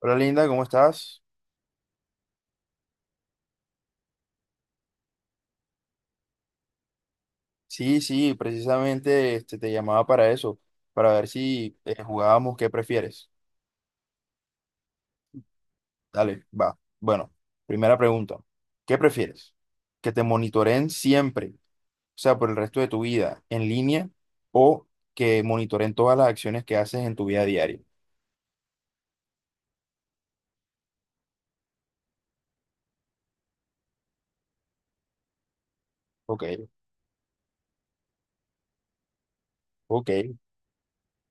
Hola Linda, ¿cómo estás? Sí, sí, precisamente te llamaba para eso, para ver si jugábamos qué prefieres. Dale, va. Bueno, primera pregunta. ¿Qué prefieres? ¿Que te monitoreen siempre, o sea, por el resto de tu vida en línea o que monitoreen todas las acciones que haces en tu vida diaria? Ok, ok.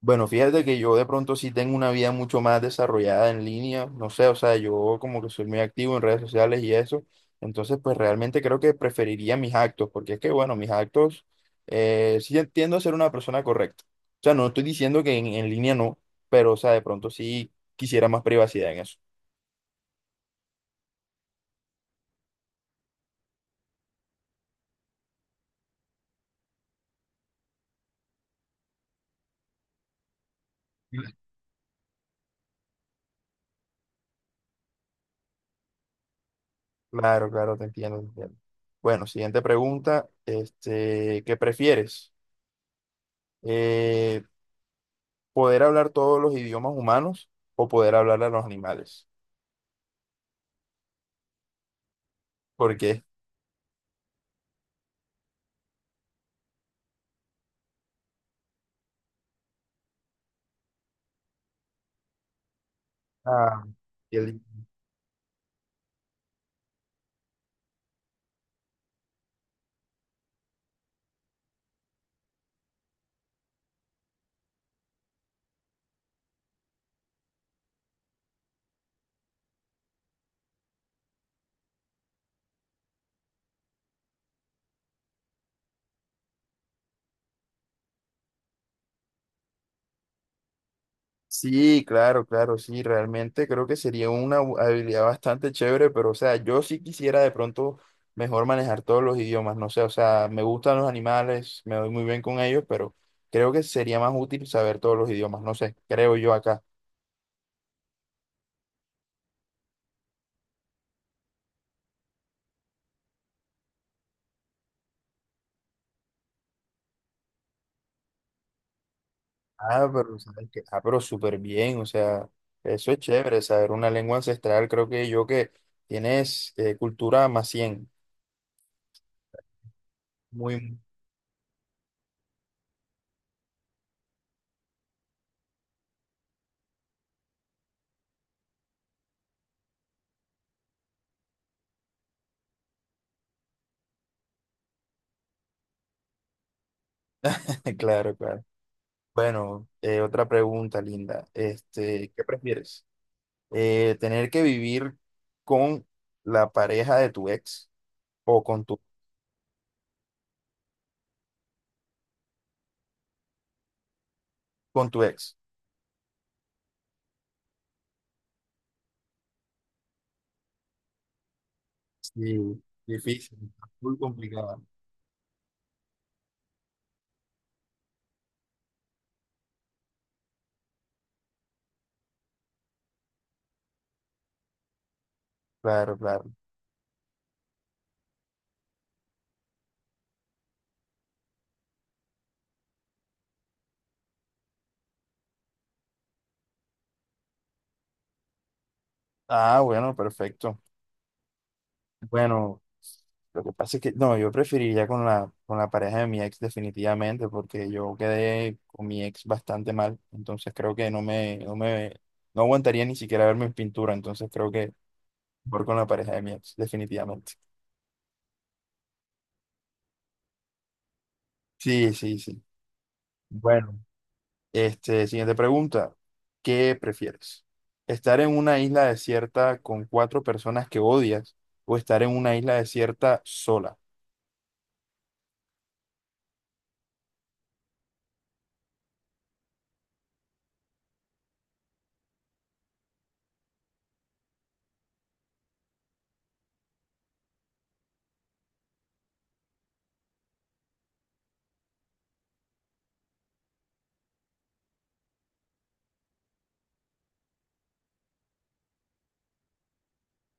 Bueno, fíjate que yo de pronto sí tengo una vida mucho más desarrollada en línea, no sé, o sea, yo como que soy muy activo en redes sociales y eso, entonces pues realmente creo que preferiría mis actos, porque es que bueno, mis actos, sí entiendo a ser una persona correcta, o sea, no estoy diciendo que en línea no, pero o sea, de pronto sí quisiera más privacidad en eso. Claro, claro, te entiendo, te entiendo. Bueno, siguiente pregunta, este, ¿qué prefieres? Eh, ¿Poder hablar todos los idiomas humanos o poder hablar a los animales? Porque, ah, el- sí, claro, claro, sí, realmente creo que sería una habilidad bastante chévere, pero, o sea, yo sí quisiera de pronto mejor manejar todos los idiomas, no sé, o sea, me gustan los animales, me doy muy bien con ellos, pero creo que sería más útil saber todos los idiomas, no sé, creo yo acá. Ah, pero, ¿sabes qué? Ah, pero súper bien, o sea, eso es chévere, saber una lengua ancestral, creo que yo que tienes cultura más 100, muy, claro, claro. Bueno, otra pregunta, Linda. Este, ¿qué prefieres? ¿Tener que vivir con la pareja de tu ex o con tu ex? Sí, difícil, está muy complicada. Claro, claro. Ah, bueno, perfecto. Bueno, lo que pasa es que no, yo preferiría con la pareja de mi ex definitivamente, porque yo quedé con mi ex bastante mal, entonces creo que no me no aguantaría ni siquiera ver mi pintura, entonces creo que mejor con la pareja de mi ex, definitivamente. Sí, sí, sí. Bueno, este, siguiente pregunta. ¿Qué prefieres? ¿Estar en una isla desierta con cuatro personas que odias o estar en una isla desierta sola?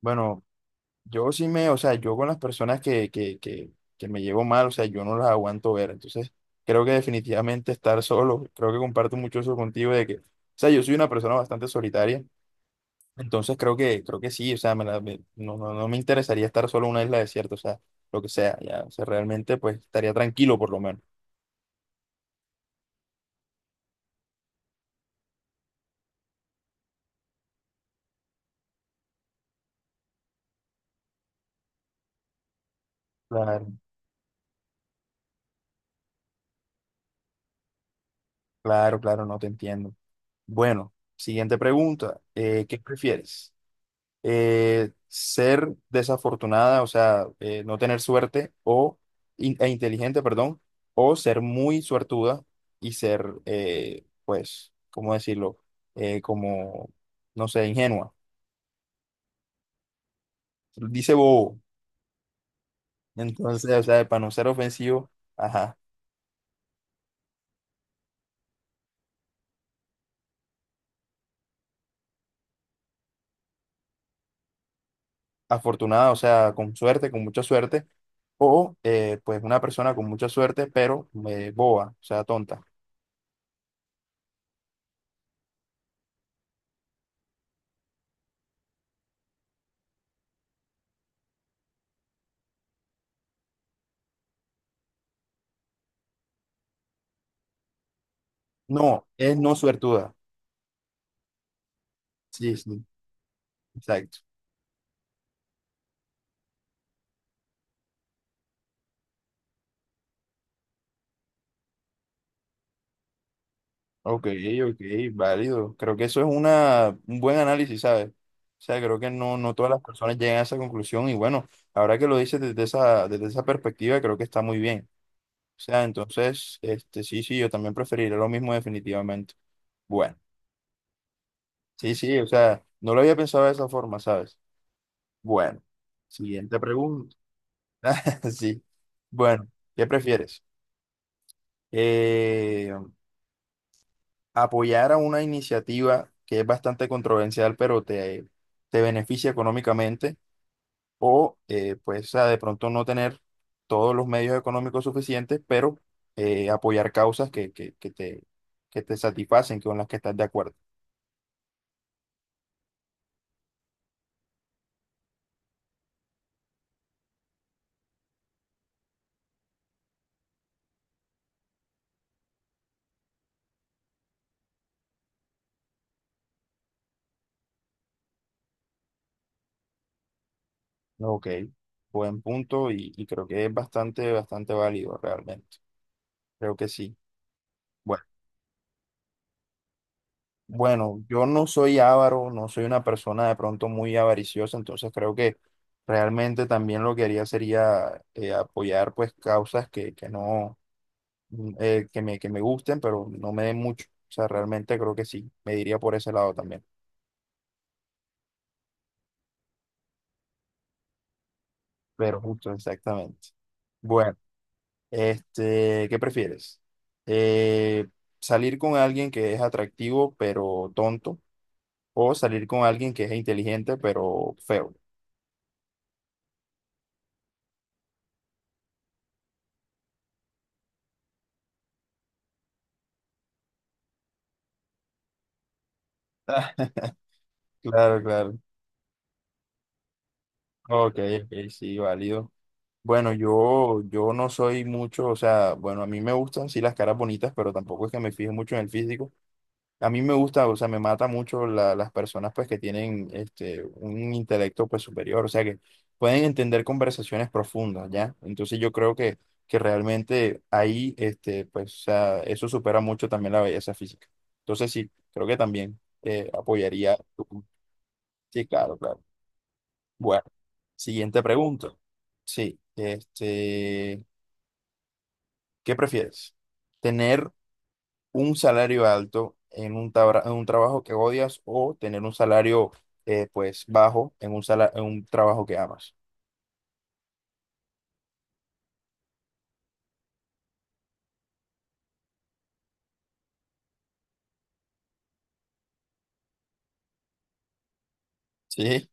Bueno, yo sí me, o sea, yo con las personas que me llevo mal, o sea, yo no las aguanto ver. Entonces, creo que definitivamente estar solo, creo que comparto mucho eso contigo de que, o sea, yo soy una persona bastante solitaria. Entonces creo que sí, o sea, no, no, no me interesaría estar solo en una isla desierta, o sea, lo que sea, ya, o sea, realmente pues estaría tranquilo por lo menos. Claro, claro, claro, no te entiendo. Bueno, siguiente pregunta, ¿qué prefieres? ¿Ser desafortunada, o sea, no tener suerte o e inteligente, perdón, o ser muy suertuda y ser, pues, ¿cómo decirlo? Como, no sé, ingenua. Dice bobo. Entonces, o sea, para no ser ofensivo, ajá, afortunada, o sea, con suerte, con mucha suerte, o pues una persona con mucha suerte, pero boba, o sea, tonta. No, es no suertuda. Sí, sí, exacto. Ok, ok, válido. Creo que eso es una, un buen análisis, ¿sabes? O sea, creo que no, no todas las personas llegan a esa conclusión y bueno, ahora que lo dices desde esa perspectiva, creo que está muy bien. O sea, entonces, este, sí, sí, yo también preferiría lo mismo definitivamente. Bueno. Sí, sí, o sea, no lo había pensado de esa forma, ¿sabes? Bueno, siguiente pregunta. Sí. Bueno, ¿qué prefieres? Eh, apoyar a una iniciativa que es bastante controversial, pero te beneficia económicamente, o pues o de pronto no tener todos los medios económicos suficientes, pero apoyar causas que te satisfacen, con las que estás de acuerdo. Ok, buen punto y creo que es bastante, bastante válido realmente. Creo que sí. Bueno, bueno, yo no soy avaro, no soy una persona de pronto muy avariciosa, entonces creo que realmente también lo que haría sería apoyar pues causas que no, que me gusten, pero no me den mucho. O sea, realmente creo que sí, me diría por ese lado también. Pero justo, exactamente. Bueno, este, ¿qué prefieres? Eh, ¿Salir con alguien que es atractivo pero tonto o salir con alguien que es inteligente pero feo? Claro, claro. Ok, ok, sí, válido. Bueno, yo no soy mucho, o sea, bueno, a mí me gustan, sí, las caras bonitas, pero tampoco es que me fije mucho en el físico. A mí me gusta, o sea, me mata mucho las personas, pues, que tienen, este, un intelecto, pues, superior, o sea, que pueden entender conversaciones profundas, ¿ya? Entonces yo creo que realmente ahí, este, pues, o sea, eso supera mucho también la belleza física. Entonces sí, creo que también apoyaría tu punto. Sí, claro, claro. Bueno, siguiente pregunta. Sí, este, ¿qué prefieres? ¿Tener un salario alto en un, en un trabajo que odias o tener un salario pues bajo en un, en un trabajo que amas? Sí,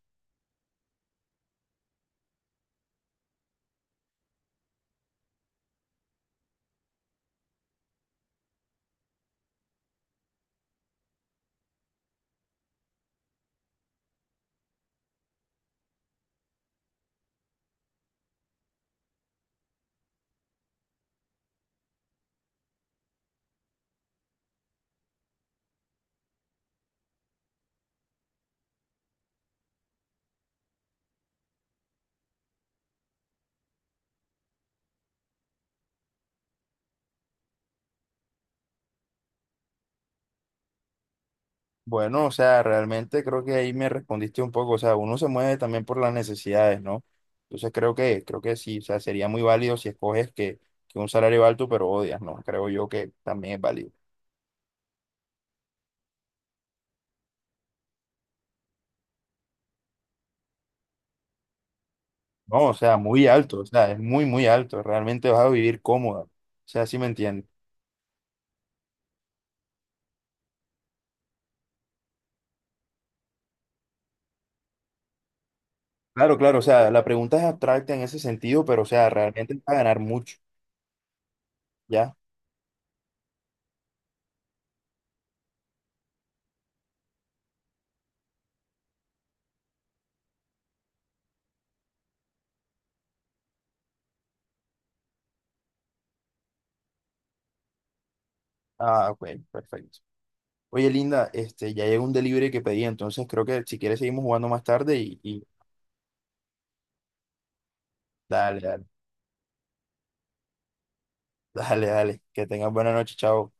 bueno, o sea, realmente creo que ahí me respondiste un poco, o sea, uno se mueve también por las necesidades, ¿no? Entonces creo que sí, o sea, sería muy válido si escoges que un salario alto pero odias, ¿no? Creo yo que también es válido. No, o sea, muy alto, o sea, es muy, muy alto, realmente vas a vivir cómoda, o sea, sí me entiendes. Claro, claro, o sea, la pregunta es abstracta en ese sentido, pero o sea, realmente vas a ganar mucho, ¿ya? Ah, ok, perfecto. Oye, Linda, este, ya llegó un delivery que pedí, entonces creo que si quieres seguimos jugando más tarde y dale, dale, dale, dale, que tengas buena noche, chao.